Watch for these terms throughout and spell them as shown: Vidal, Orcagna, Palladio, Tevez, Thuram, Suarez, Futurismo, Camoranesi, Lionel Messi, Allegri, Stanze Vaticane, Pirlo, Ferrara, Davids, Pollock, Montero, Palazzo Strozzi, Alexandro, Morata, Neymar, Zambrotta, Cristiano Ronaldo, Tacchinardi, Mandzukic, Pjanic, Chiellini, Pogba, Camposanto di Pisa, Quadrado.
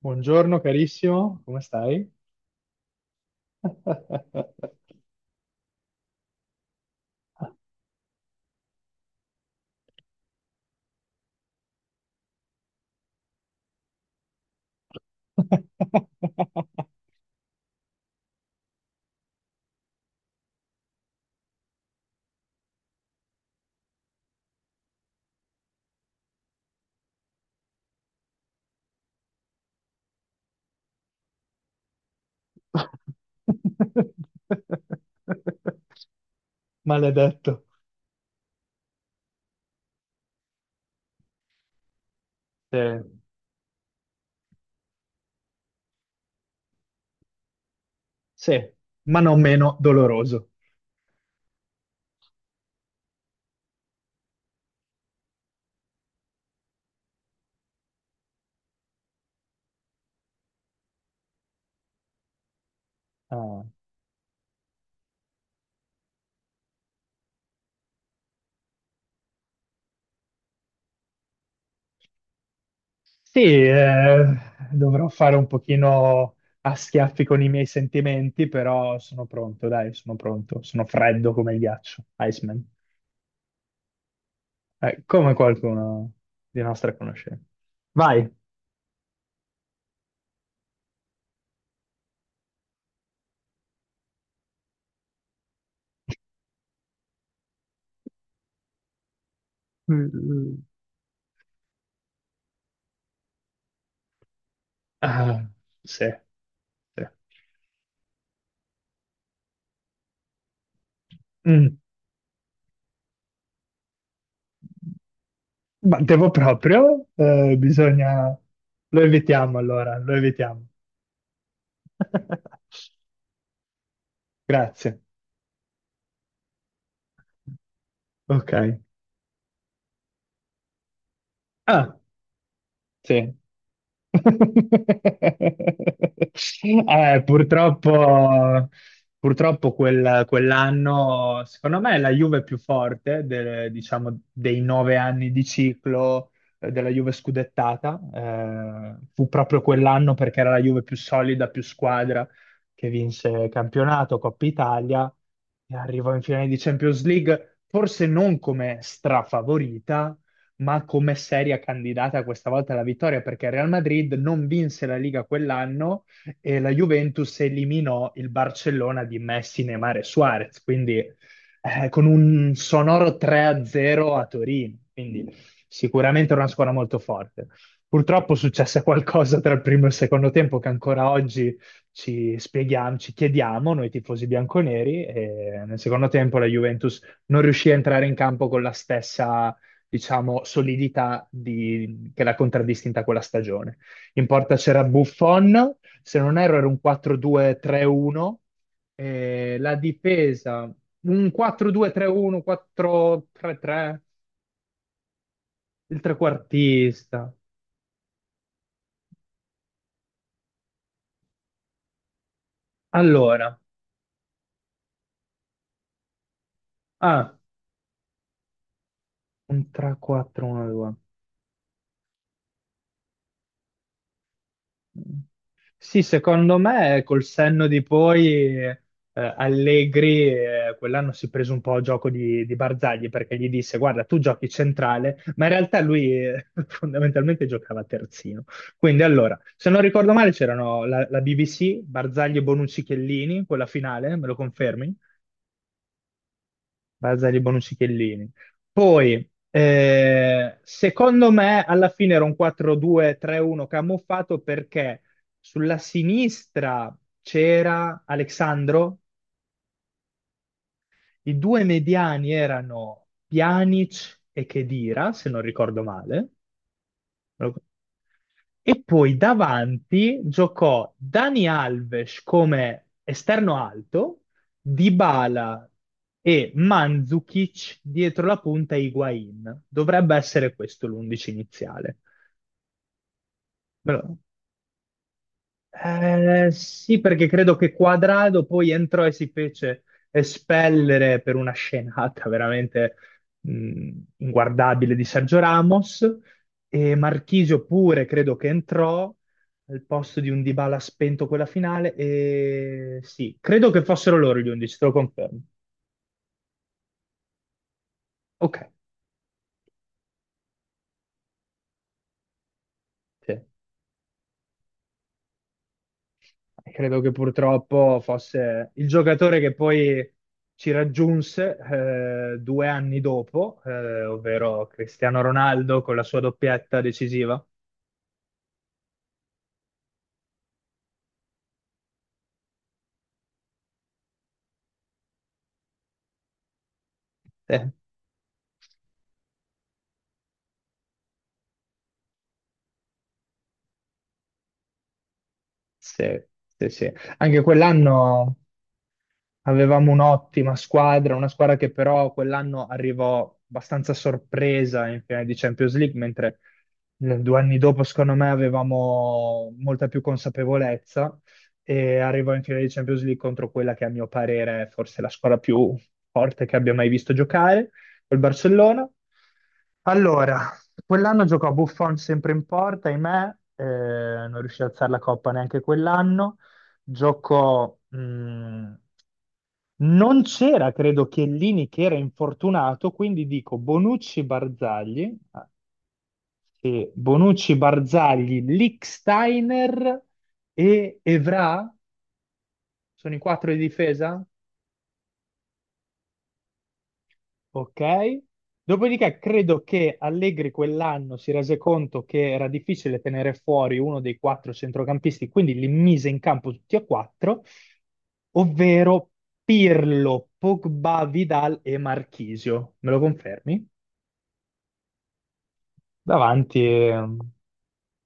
Buongiorno carissimo, come stai? Maledetto. Eh, Sì, ma non meno doloroso. Ah. Sì, dovrò fare un pochino a schiaffi con i miei sentimenti, però sono pronto, dai, sono pronto. Sono freddo come il ghiaccio, Iceman. Come qualcuno di nostra conoscenza. Vai. Mm, mm. Ah, sì, sì. Mm. Ma devo proprio? Bisogna... Lo evitiamo allora, lo evitiamo. Grazie. Ok. Ah. Sì. Purtroppo, purtroppo quell'anno, secondo me, la Juve più forte, diciamo, dei 9 anni di ciclo della Juve scudettata, fu proprio quell'anno perché era la Juve più solida, più squadra, che vinse campionato, Coppa Italia e arrivò in finale di Champions League, forse non come strafavorita, ma come seria candidata questa volta alla vittoria, perché il Real Madrid non vinse la Liga quell'anno e la Juventus eliminò il Barcellona di Messi, Neymar e Suarez, quindi con un sonoro 3-0 a zero a Torino, quindi sicuramente era una squadra molto forte. Purtroppo successe qualcosa tra il primo e il secondo tempo che ancora oggi ci spieghiamo, ci chiediamo noi tifosi bianconeri, e nel secondo tempo la Juventus non riuscì a entrare in campo con la stessa, diciamo, solidità che l'ha contraddistinta quella stagione. In porta c'era Buffon, se non erro era un 4-2-3-1, la difesa un 4-2-3-1, 4-3-3, il trequartista. Allora, ah, un 3-4-1-2. Sì, secondo me col senno di poi Allegri quell'anno si è preso un po' a gioco di Barzagli perché gli disse guarda tu giochi centrale, ma in realtà lui fondamentalmente giocava terzino. Quindi allora, se non ricordo male c'erano la BBC, Barzagli, Bonucci, Chiellini, quella finale, me lo confermi? Barzagli, Bonucci, Chiellini. Poi, secondo me, alla fine era un 4-2-3-1 camuffato perché sulla sinistra c'era Alexandro, i due mediani erano Pjanic e Khedira, se non ricordo male. E poi davanti giocò Dani Alves come esterno alto, Dybala e Mandzukic dietro la punta Higuain. Dovrebbe essere questo l'11 iniziale. Sì, perché credo che Quadrado poi entrò e si fece espellere per una scenata veramente mh, inguardabile di Sergio Ramos e Marchisio pure credo che entrò al posto di un Dybala spento quella finale e sì, credo che fossero loro gli 11, te lo confermo. Ok, sì. Credo che purtroppo fosse il giocatore che poi ci raggiunse 2 anni dopo, ovvero Cristiano Ronaldo con la sua doppietta decisiva. Eh, sì, sì, sì. Anche quell'anno. Avevamo un'ottima squadra, una squadra che però quell'anno arrivò abbastanza sorpresa in finale di Champions League, mentre 2 anni dopo, secondo me, avevamo molta più consapevolezza e arrivò in finale di Champions League contro quella che a mio parere è forse la squadra più forte che abbia mai visto giocare, col Barcellona. Allora, quell'anno giocò Buffon sempre in porta, ahimè, non riuscì ad alzare la coppa neanche quell'anno. Giocò non c'era, credo, Chiellini che era infortunato, quindi dico Bonucci Barzagli, ah, sì, Bonucci Barzagli, Lichtsteiner e Evra, sono i quattro di difesa? Ok. Dopodiché credo che Allegri quell'anno si rese conto che era difficile tenere fuori uno dei quattro centrocampisti, quindi li mise in campo tutti e quattro, ovvero Pirlo, Pogba, Vidal e Marchisio. Me lo confermi? Davanti e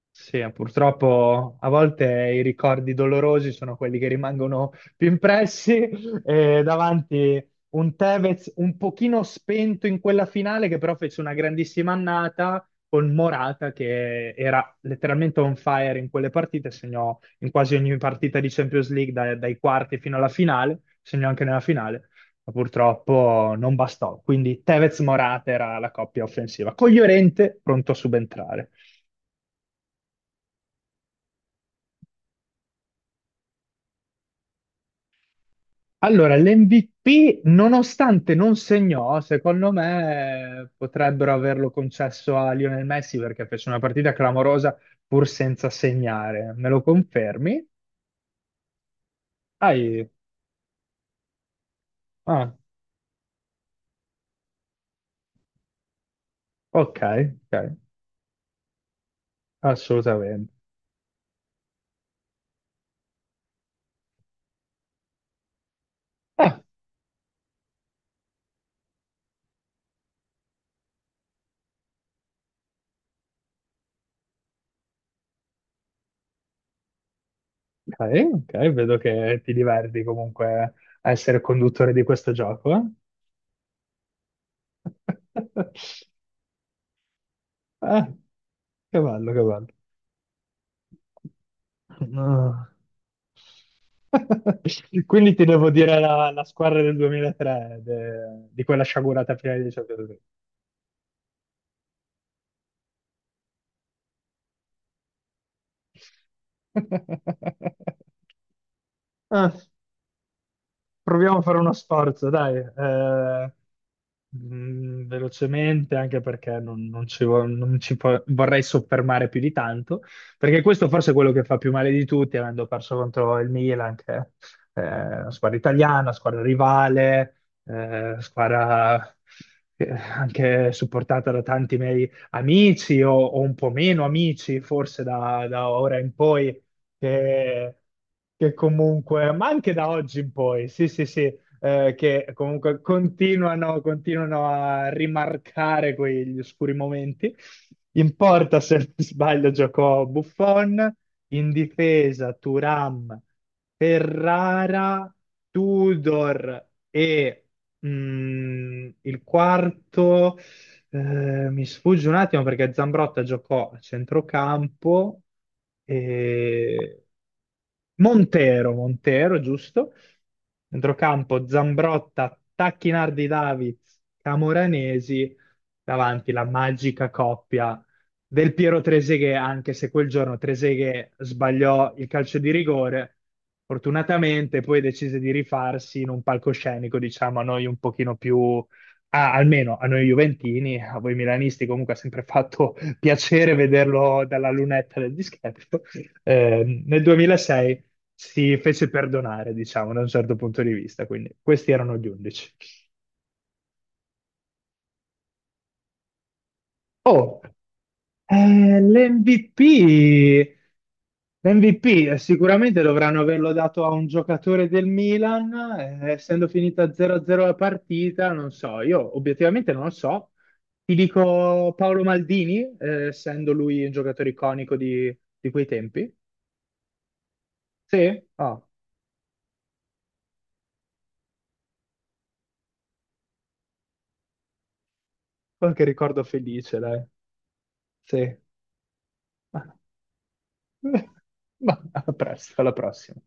sì, purtroppo a volte i ricordi dolorosi sono quelli che rimangono più impressi e davanti un Tevez un pochino spento in quella finale che però fece una grandissima annata con Morata che era letteralmente on fire in quelle partite, segnò in quasi ogni partita di Champions League dai quarti fino alla finale, segnò anche nella finale, ma purtroppo non bastò. Quindi Tevez-Morata era la coppia offensiva, con Llorente pronto a subentrare. Allora, l'MVP, nonostante non segnò, secondo me potrebbero averlo concesso a Lionel Messi perché fece una partita clamorosa pur senza segnare. Me lo confermi? Hai- Ah, ok, ok, assolutamente. Ah, ok, ok, vedo che ti diverti comunque a essere conduttore di questo gioco. Eh? Ah, che bello, che bello. Ah. Quindi ti devo dire la squadra del 2003, di quella sciagurata finale di Champions League. Proviamo a fare uno sforzo, dai. Velocemente, anche perché non ci vorrei soffermare più di tanto, perché questo forse è quello che fa più male di tutti, avendo perso contro il Milan, che è una squadra italiana, squadra rivale, squadra anche supportata da tanti miei amici o un po' meno amici, forse da ora in poi che, che comunque, ma anche da oggi in poi, sì, sì, sì, che comunque continuano, continuano a rimarcare quegli oscuri momenti. In porta, se non sbaglio, giocò Buffon, in difesa Thuram, Ferrara, Tudor e il quarto. Mi sfugge un attimo perché Zambrotta giocò a centrocampo e Montero, Montero, giusto? Centrocampo Zambrotta, Tacchinardi Davids, Camoranesi, davanti la magica coppia del Piero Treseghe, anche se quel giorno Treseghe sbagliò il calcio di rigore, fortunatamente poi decise di rifarsi in un palcoscenico, diciamo, a noi un pochino più. Ah, almeno a noi Juventini, a voi Milanisti, comunque ha sempre fatto piacere vederlo dalla lunetta del dischetto. Nel 2006 si fece perdonare, diciamo, da un certo punto di vista. Quindi questi erano gli 11. Oh, l'MVP. L'MVP sicuramente dovranno averlo dato a un giocatore del Milan, essendo finita 0-0 la partita, non so, io obiettivamente non lo so. Ti dico Paolo Maldini, essendo lui un giocatore iconico di quei tempi. Sì, ah, che ricordo felice, dai. Sì. Ma a presto, alla prossima.